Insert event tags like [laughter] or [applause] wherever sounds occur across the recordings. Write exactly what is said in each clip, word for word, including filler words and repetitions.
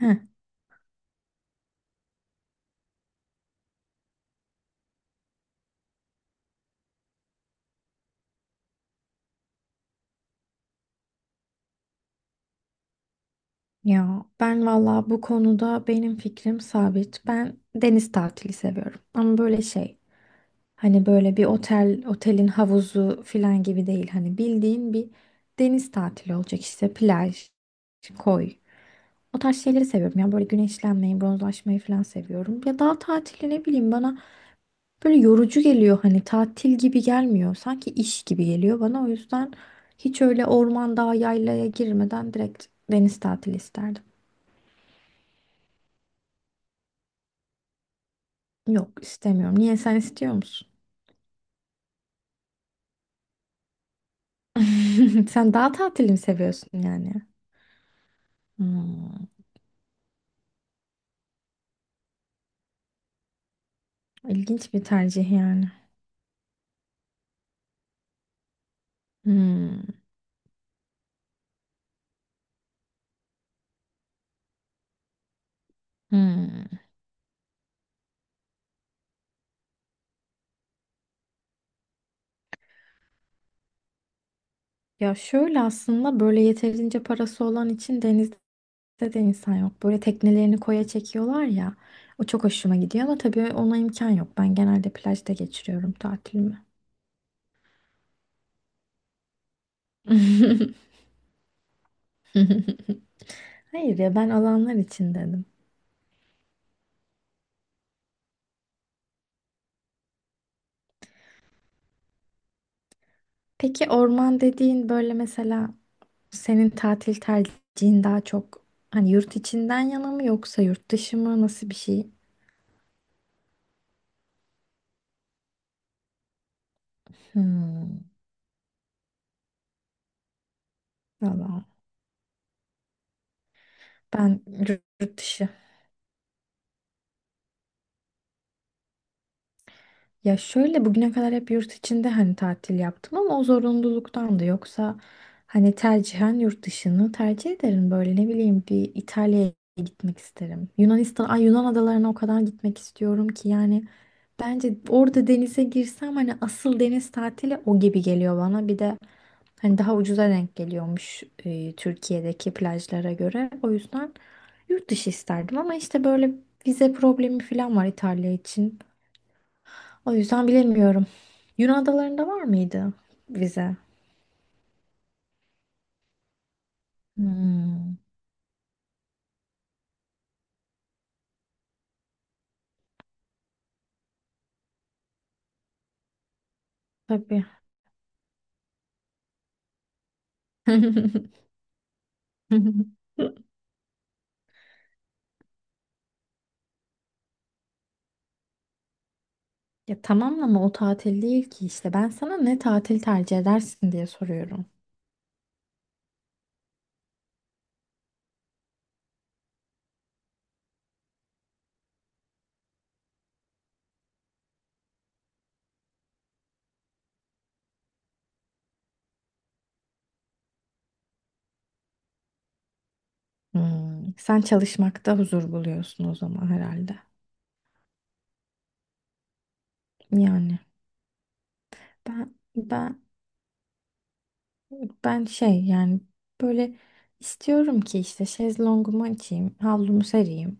Heh, ya ben valla bu konuda benim fikrim sabit. Ben deniz tatili seviyorum. Ama böyle şey hani böyle bir otel otelin havuzu filan gibi değil. Hani bildiğin bir deniz tatili olacak işte plaj, koy. O tarz şeyleri seviyorum. Ya böyle güneşlenmeyi, bronzlaşmayı falan seviyorum. Ya dağ tatili ne bileyim bana böyle yorucu geliyor. Hani tatil gibi gelmiyor. Sanki iş gibi geliyor bana. O yüzden hiç öyle orman, dağ, yaylaya girmeden direkt deniz tatili isterdim. Yok istemiyorum. Niye sen istiyor musun? [laughs] Sen dağ tatili mi seviyorsun yani? Hmm, ilginç bir tercih yani. Hmm, hmm. Ya şöyle aslında böyle yeterince parası olan için denizde de insan yok. Böyle teknelerini koya çekiyorlar ya. O çok hoşuma gidiyor ama tabii ona imkan yok. Ben genelde plajda geçiriyorum tatilimi. [laughs] Hayır ya, ben alanlar için dedim. Peki orman dediğin böyle mesela, senin tatil tercihin daha çok hani yurt içinden yana mı yoksa yurt dışı mı, nasıl bir şey? Hmm. Valla ben yurt dışı. Ya şöyle bugüne kadar hep yurt içinde hani tatil yaptım ama o zorunluluktan, da yoksa hani tercihen yurt dışını tercih ederim. Böyle ne bileyim bir İtalya'ya gitmek isterim. Yunanistan, ay Yunan adalarına o kadar gitmek istiyorum ki yani bence orada denize girsem hani asıl deniz tatili o gibi geliyor bana. Bir de hani daha ucuza denk geliyormuş e, Türkiye'deki plajlara göre. O yüzden yurt dışı isterdim ama işte böyle vize problemi falan var İtalya için. O yüzden bilemiyorum. Yunan adalarında var mıydı vize? Hmm, tabii. [laughs] Ya tamam ama o tatil değil ki işte. Ben sana ne tatil tercih edersin diye soruyorum. Hmm, sen çalışmakta huzur buluyorsun o zaman herhalde. Yani ben ben ben şey yani böyle istiyorum ki işte şezlongumu açayım, havlumu sereyim.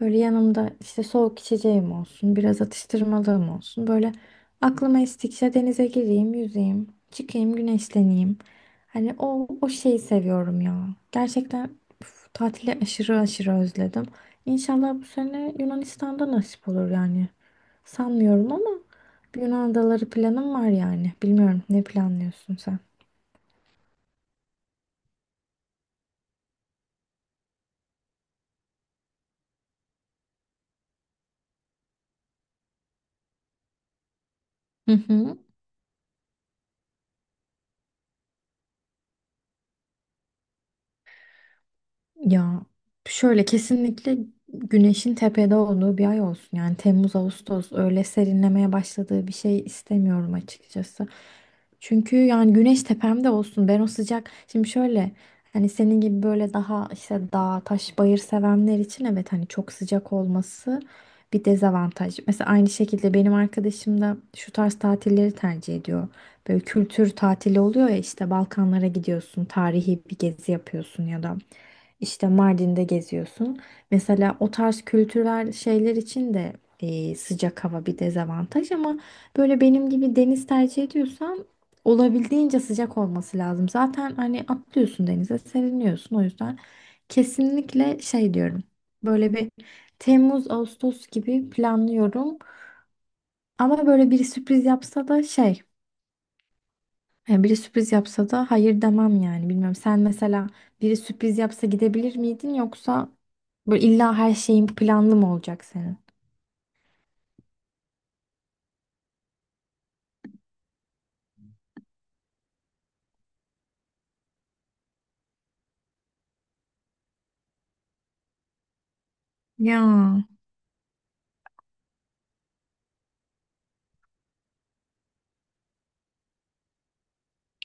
Böyle yanımda işte soğuk içeceğim olsun, biraz atıştırmalığım olsun. Böyle aklıma estikçe denize gireyim, yüzeyim, çıkayım, güneşleneyim. Hani o, o şeyi seviyorum ya. Gerçekten üf, tatili aşırı aşırı özledim. İnşallah bu sene Yunanistan'da nasip olur yani. Sanmıyorum ama bir Yunan adaları planım var yani. Bilmiyorum, ne planlıyorsun sen? Hı hı. Ya şöyle kesinlikle güneşin tepede olduğu bir ay olsun. Yani Temmuz, Ağustos öyle serinlemeye başladığı bir şey istemiyorum açıkçası. Çünkü yani güneş tepemde olsun. Ben o sıcak, şimdi şöyle hani senin gibi böyle daha işte dağ, taş, bayır sevenler için evet hani çok sıcak olması bir dezavantaj. Mesela aynı şekilde benim arkadaşım da şu tarz tatilleri tercih ediyor. Böyle kültür tatili oluyor ya, işte Balkanlara gidiyorsun, tarihi bir gezi yapıyorsun ya da işte Mardin'de geziyorsun. Mesela o tarz kültürel şeyler için de e, sıcak hava bir dezavantaj ama böyle benim gibi deniz tercih ediyorsan olabildiğince sıcak olması lazım. Zaten hani atlıyorsun denize, seriniyorsun. O yüzden kesinlikle şey diyorum. Böyle bir Temmuz, Ağustos gibi planlıyorum. Ama böyle bir sürpriz yapsa da şey, yani biri sürpriz yapsa da hayır demem yani. Bilmiyorum, sen mesela biri sürpriz yapsa gidebilir miydin yoksa böyle illa her şeyin planlı mı olacak senin? Ya,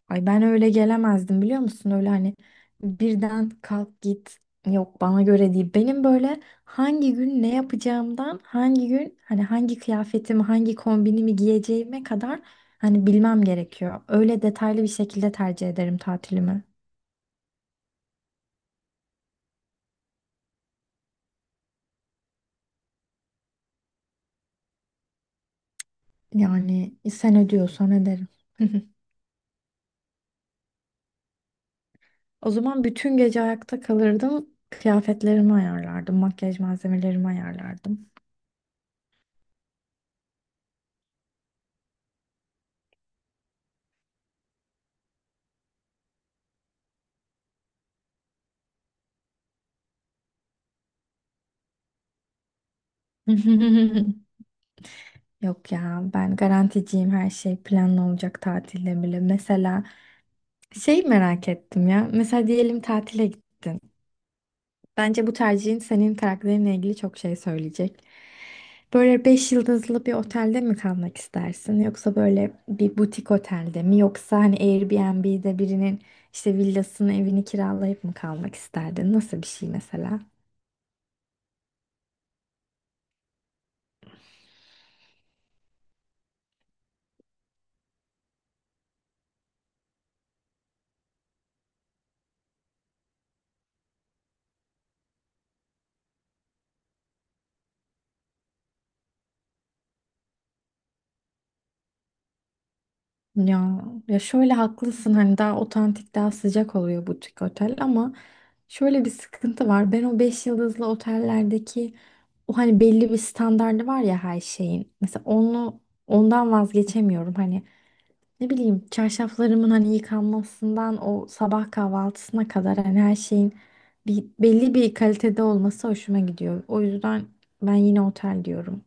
ay ben öyle gelemezdim biliyor musun? Öyle hani birden kalk git, yok bana göre değil. Benim böyle hangi gün ne yapacağımdan hangi gün hani hangi kıyafetimi hangi kombinimi giyeceğime kadar hani bilmem gerekiyor. Öyle detaylı bir şekilde tercih ederim tatilimi. Yani sen ödüyorsan ederim. [laughs] O zaman bütün gece ayakta kalırdım. Kıyafetlerimi ayarlardım, makyaj malzemelerimi ayarlardım. [laughs] Yok ya, ben garanticiyim, her şey planlı olacak tatilde bile. Mesela şey merak ettim ya. Mesela diyelim tatile. Bence bu tercihin senin karakterinle ilgili çok şey söyleyecek. Böyle beş yıldızlı bir otelde mi kalmak istersin? Yoksa böyle bir butik otelde mi? Yoksa hani Airbnb'de birinin işte villasını, evini kiralayıp mı kalmak isterdin? Nasıl bir şey mesela? Ya, ya şöyle haklısın, hani daha otantik, daha sıcak oluyor butik otel ama şöyle bir sıkıntı var. Ben o beş yıldızlı otellerdeki o hani belli bir standardı var ya her şeyin. Mesela onu, ondan vazgeçemiyorum. Hani, ne bileyim, çarşaflarımın hani yıkanmasından o sabah kahvaltısına kadar hani her şeyin bir, belli bir kalitede olması hoşuma gidiyor. O yüzden ben yine otel diyorum.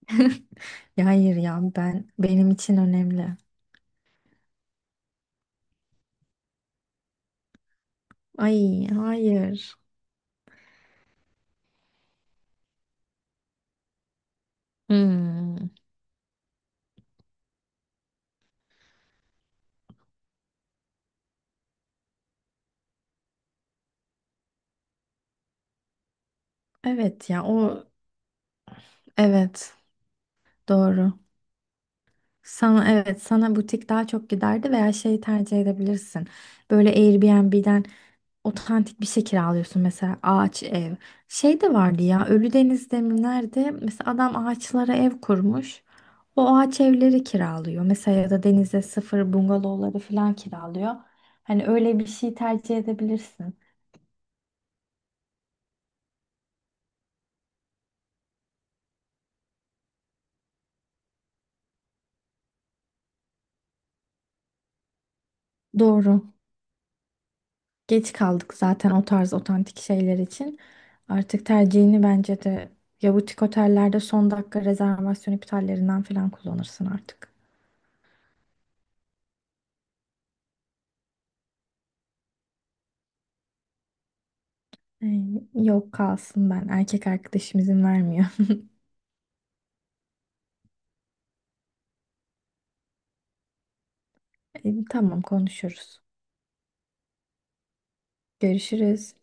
[laughs] Ya hayır ya, ben, benim için önemli. Ay hayır. Hmm. Evet ya, o, evet, doğru. Sana evet, sana butik daha çok giderdi veya şey tercih edebilirsin. Böyle Airbnb'den otantik bir şey kiralıyorsun, mesela ağaç ev. Şey de vardı ya Ölüdeniz'de mi nerede, mesela adam ağaçlara ev kurmuş. O ağaç evleri kiralıyor. Mesela ya da denize sıfır bungalovları falan kiralıyor. Hani öyle bir şey tercih edebilirsin. Doğru. Geç kaldık zaten o tarz otantik şeyler için. Artık tercihini bence de, ya butik otellerde son dakika rezervasyon iptallerinden falan kullanırsın artık. Ee, Yok kalsın ben. Erkek arkadaşım izin vermiyor. E, tamam konuşuruz. Görüşürüz.